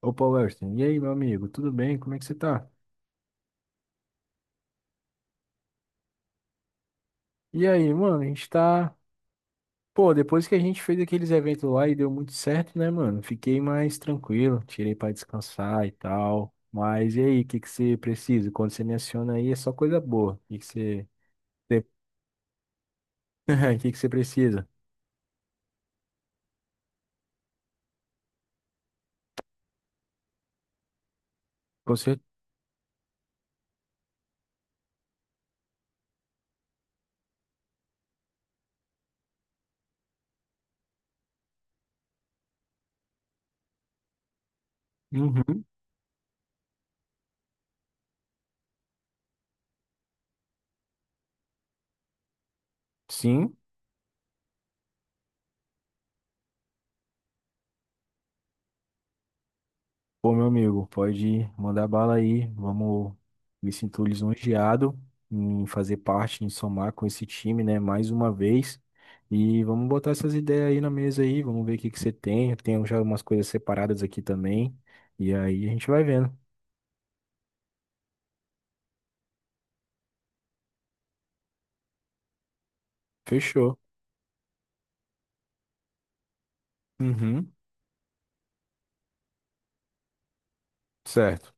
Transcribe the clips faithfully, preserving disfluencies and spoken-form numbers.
Opa, Welston. E aí, meu amigo, tudo bem? Como é que você tá? E aí, mano, a gente tá. Pô, depois que a gente fez aqueles eventos lá e deu muito certo, né, mano? Fiquei mais tranquilo, tirei pra descansar e tal. Mas e aí, o que que você precisa? Quando você me aciona aí, é só coisa boa. O que que você. O que que você precisa? Com cer- Uhum. Sim. Pô, meu amigo, pode mandar bala aí. Vamos, me sinto lisonjeado em fazer parte, em somar com esse time, né, mais uma vez. E vamos botar essas ideias aí na mesa aí, vamos ver o que que você tem. Eu tenho já umas coisas separadas aqui também. E aí a gente vai vendo. Fechou. Uhum. Certo.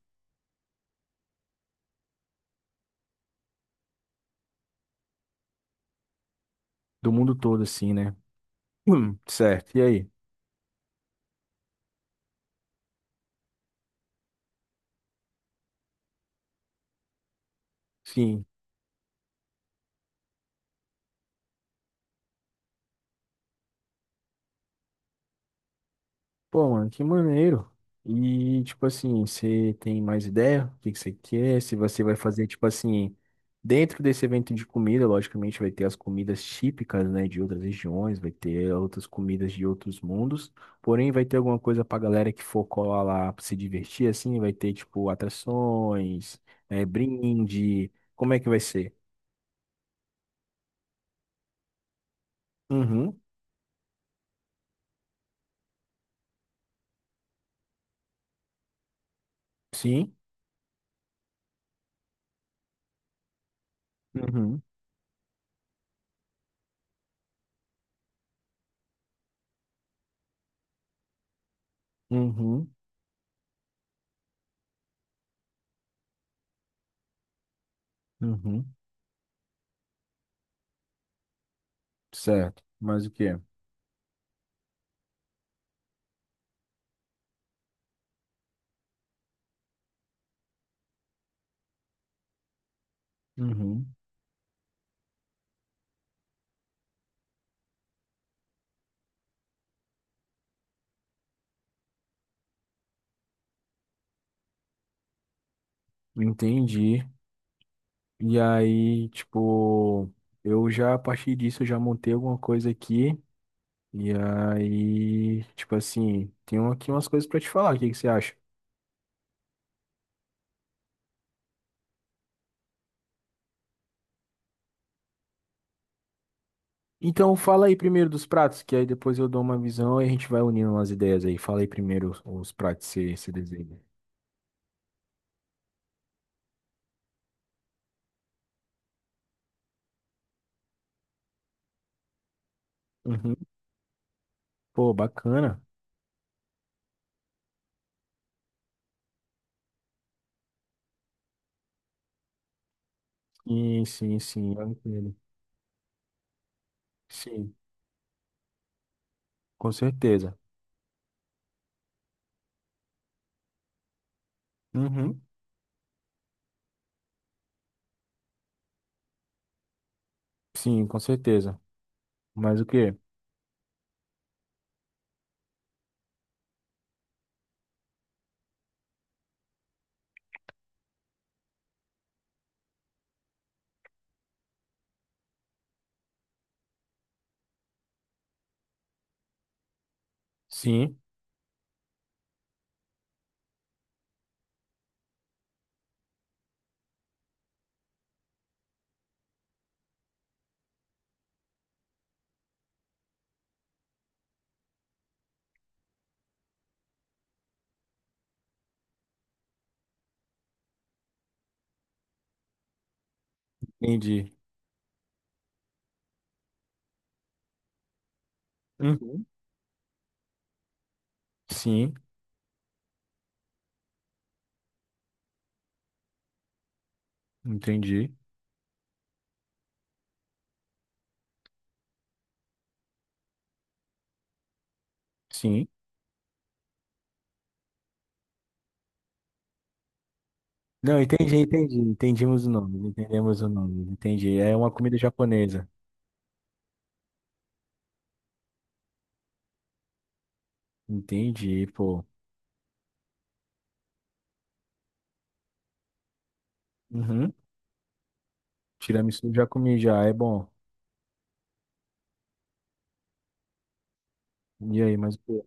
Do mundo todo, assim, né? Hum, certo. E aí? Sim. Pô, mano, que maneiro. E, tipo assim, você tem mais ideia do que que você quer? Se você vai fazer, tipo assim, dentro desse evento de comida, logicamente vai ter as comidas típicas, né, de outras regiões, vai ter outras comidas de outros mundos. Porém, vai ter alguma coisa pra galera que for colar lá pra se divertir, assim, vai ter, tipo, atrações, é, brinde. Como é que vai ser? Uhum, sim. Uhum, uhum, uhum. Certo. Mas o quê? Uhum. Entendi. E aí, tipo, eu já a partir disso eu já montei alguma coisa aqui. E aí, tipo assim, tenho aqui umas coisas pra te falar. O que que você acha? Então, fala aí primeiro dos pratos, que aí depois eu dou uma visão e a gente vai unindo umas ideias aí. Fala aí primeiro os, os pratos que você você desenha. Uhum. Pô, bacana. Sim, sim, sim. Eu entendo. Sim, com certeza. Uhum. Sim, com certeza. Mas o quê? Sim, entendi. Uhum. Sim, entendi. Sim. Não, entendi, entendi. Entendimos o nome, entendemos o nome, entendi. É uma comida japonesa. Entendi, pô. Uhum. Tiramisu já comi já, é bom. E aí, mas pô.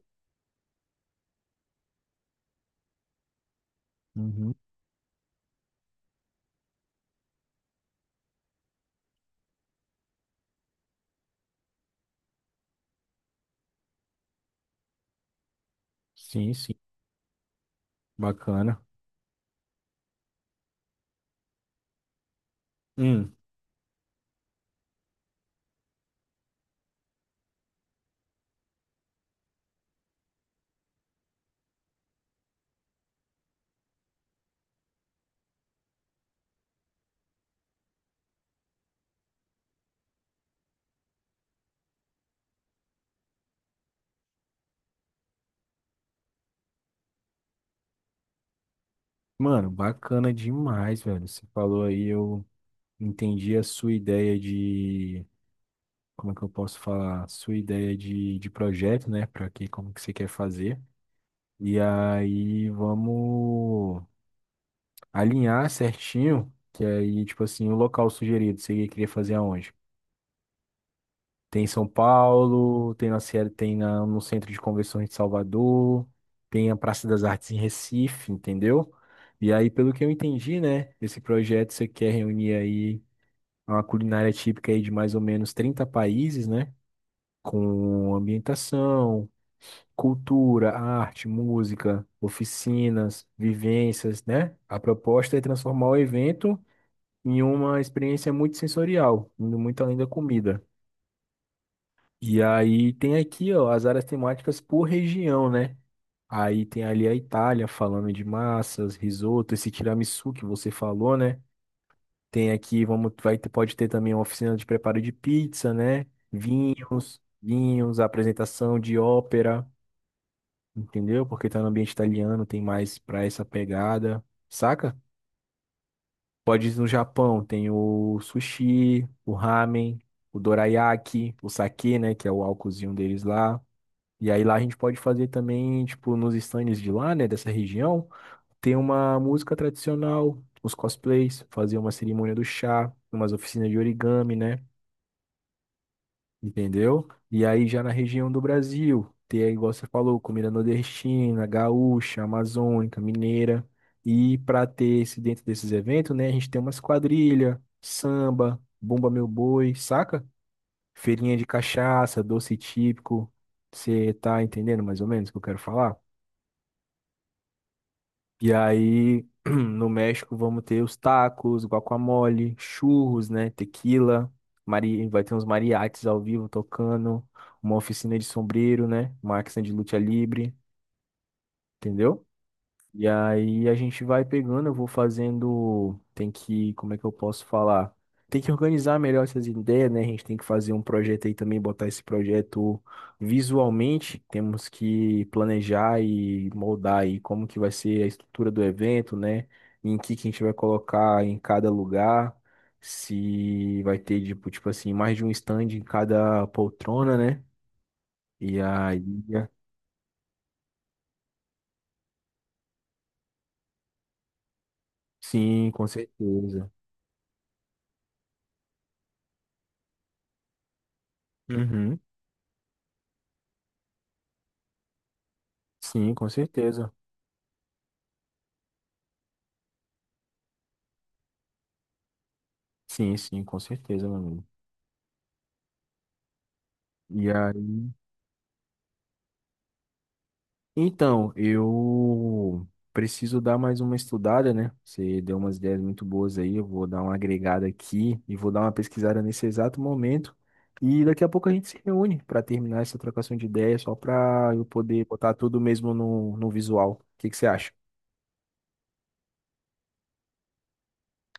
Uhum. Sim, sim. Bacana. Hum. Mano, bacana demais, velho. Você falou aí, eu entendi a sua ideia de. Como é que eu posso falar? Sua ideia de, de projeto, né? Pra que, como que você quer fazer. E aí, vamos. Alinhar certinho, que aí, tipo assim, o local sugerido, você queria fazer aonde? Tem em São Paulo, tem na Sierra, tem na, no Centro de Convenções de Salvador, tem a Praça das Artes em Recife, entendeu? E aí, pelo que eu entendi, né, esse projeto você quer reunir aí uma culinária típica aí de mais ou menos trinta países, né, com ambientação, cultura, arte, música, oficinas, vivências, né? A proposta é transformar o evento em uma experiência muito sensorial, indo muito além da comida. E aí tem aqui, ó, as áreas temáticas por região, né? Aí tem ali a Itália, falando de massas, risoto, esse tiramisu que você falou, né? Tem aqui, vamos, vai, ter- pode ter também uma oficina de preparo de pizza, né? Vinhos, vinhos, apresentação de ópera, entendeu? Porque tá no ambiente italiano, tem mais pra essa pegada, saca? Pode ir no Japão, tem o sushi, o ramen, o dorayaki, o sake, né, que é o álcoolzinho deles lá. E aí lá a gente pode fazer também, tipo, nos stands de lá, né, dessa região, tem uma música tradicional, os cosplays, fazer uma cerimônia do chá, umas oficinas de origami, né? Entendeu? E aí já na região do Brasil, ter, aí, igual você falou, comida nordestina, gaúcha, amazônica, mineira. E para ter esse dentro desses eventos, né, a gente tem umas quadrilha, samba, bumba meu boi, saca? Feirinha de cachaça, doce típico. Você tá entendendo mais ou menos o que eu quero falar? E aí, no México, vamos ter os tacos, guacamole, churros, né? Tequila, mari... vai ter uns mariachis ao vivo tocando, uma oficina de sombreiro, né? Uma de luta livre, entendeu? E aí a gente vai pegando, eu vou fazendo, tem que, como é que eu posso falar? Tem que organizar melhor essas ideias, né? A gente tem que fazer um projeto aí também, botar esse projeto visualmente. Temos que planejar e moldar aí como que vai ser a estrutura do evento, né? Em que que a gente vai colocar em cada lugar, se vai ter tipo, tipo assim, mais de um stand em cada poltrona, né? E aí, sim, com certeza. Uhum. Sim, com certeza. Sim, sim, com certeza, meu amigo. E aí, então, eu preciso dar mais uma estudada, né? Você deu umas ideias muito boas aí, eu vou dar uma agregada aqui e vou dar uma pesquisada nesse exato momento. E daqui a pouco a gente se reúne para terminar essa trocação de ideias, só para eu poder botar tudo mesmo no, no visual. O que que você acha?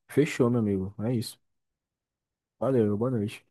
Fechou, meu amigo. É isso. Valeu, boa noite.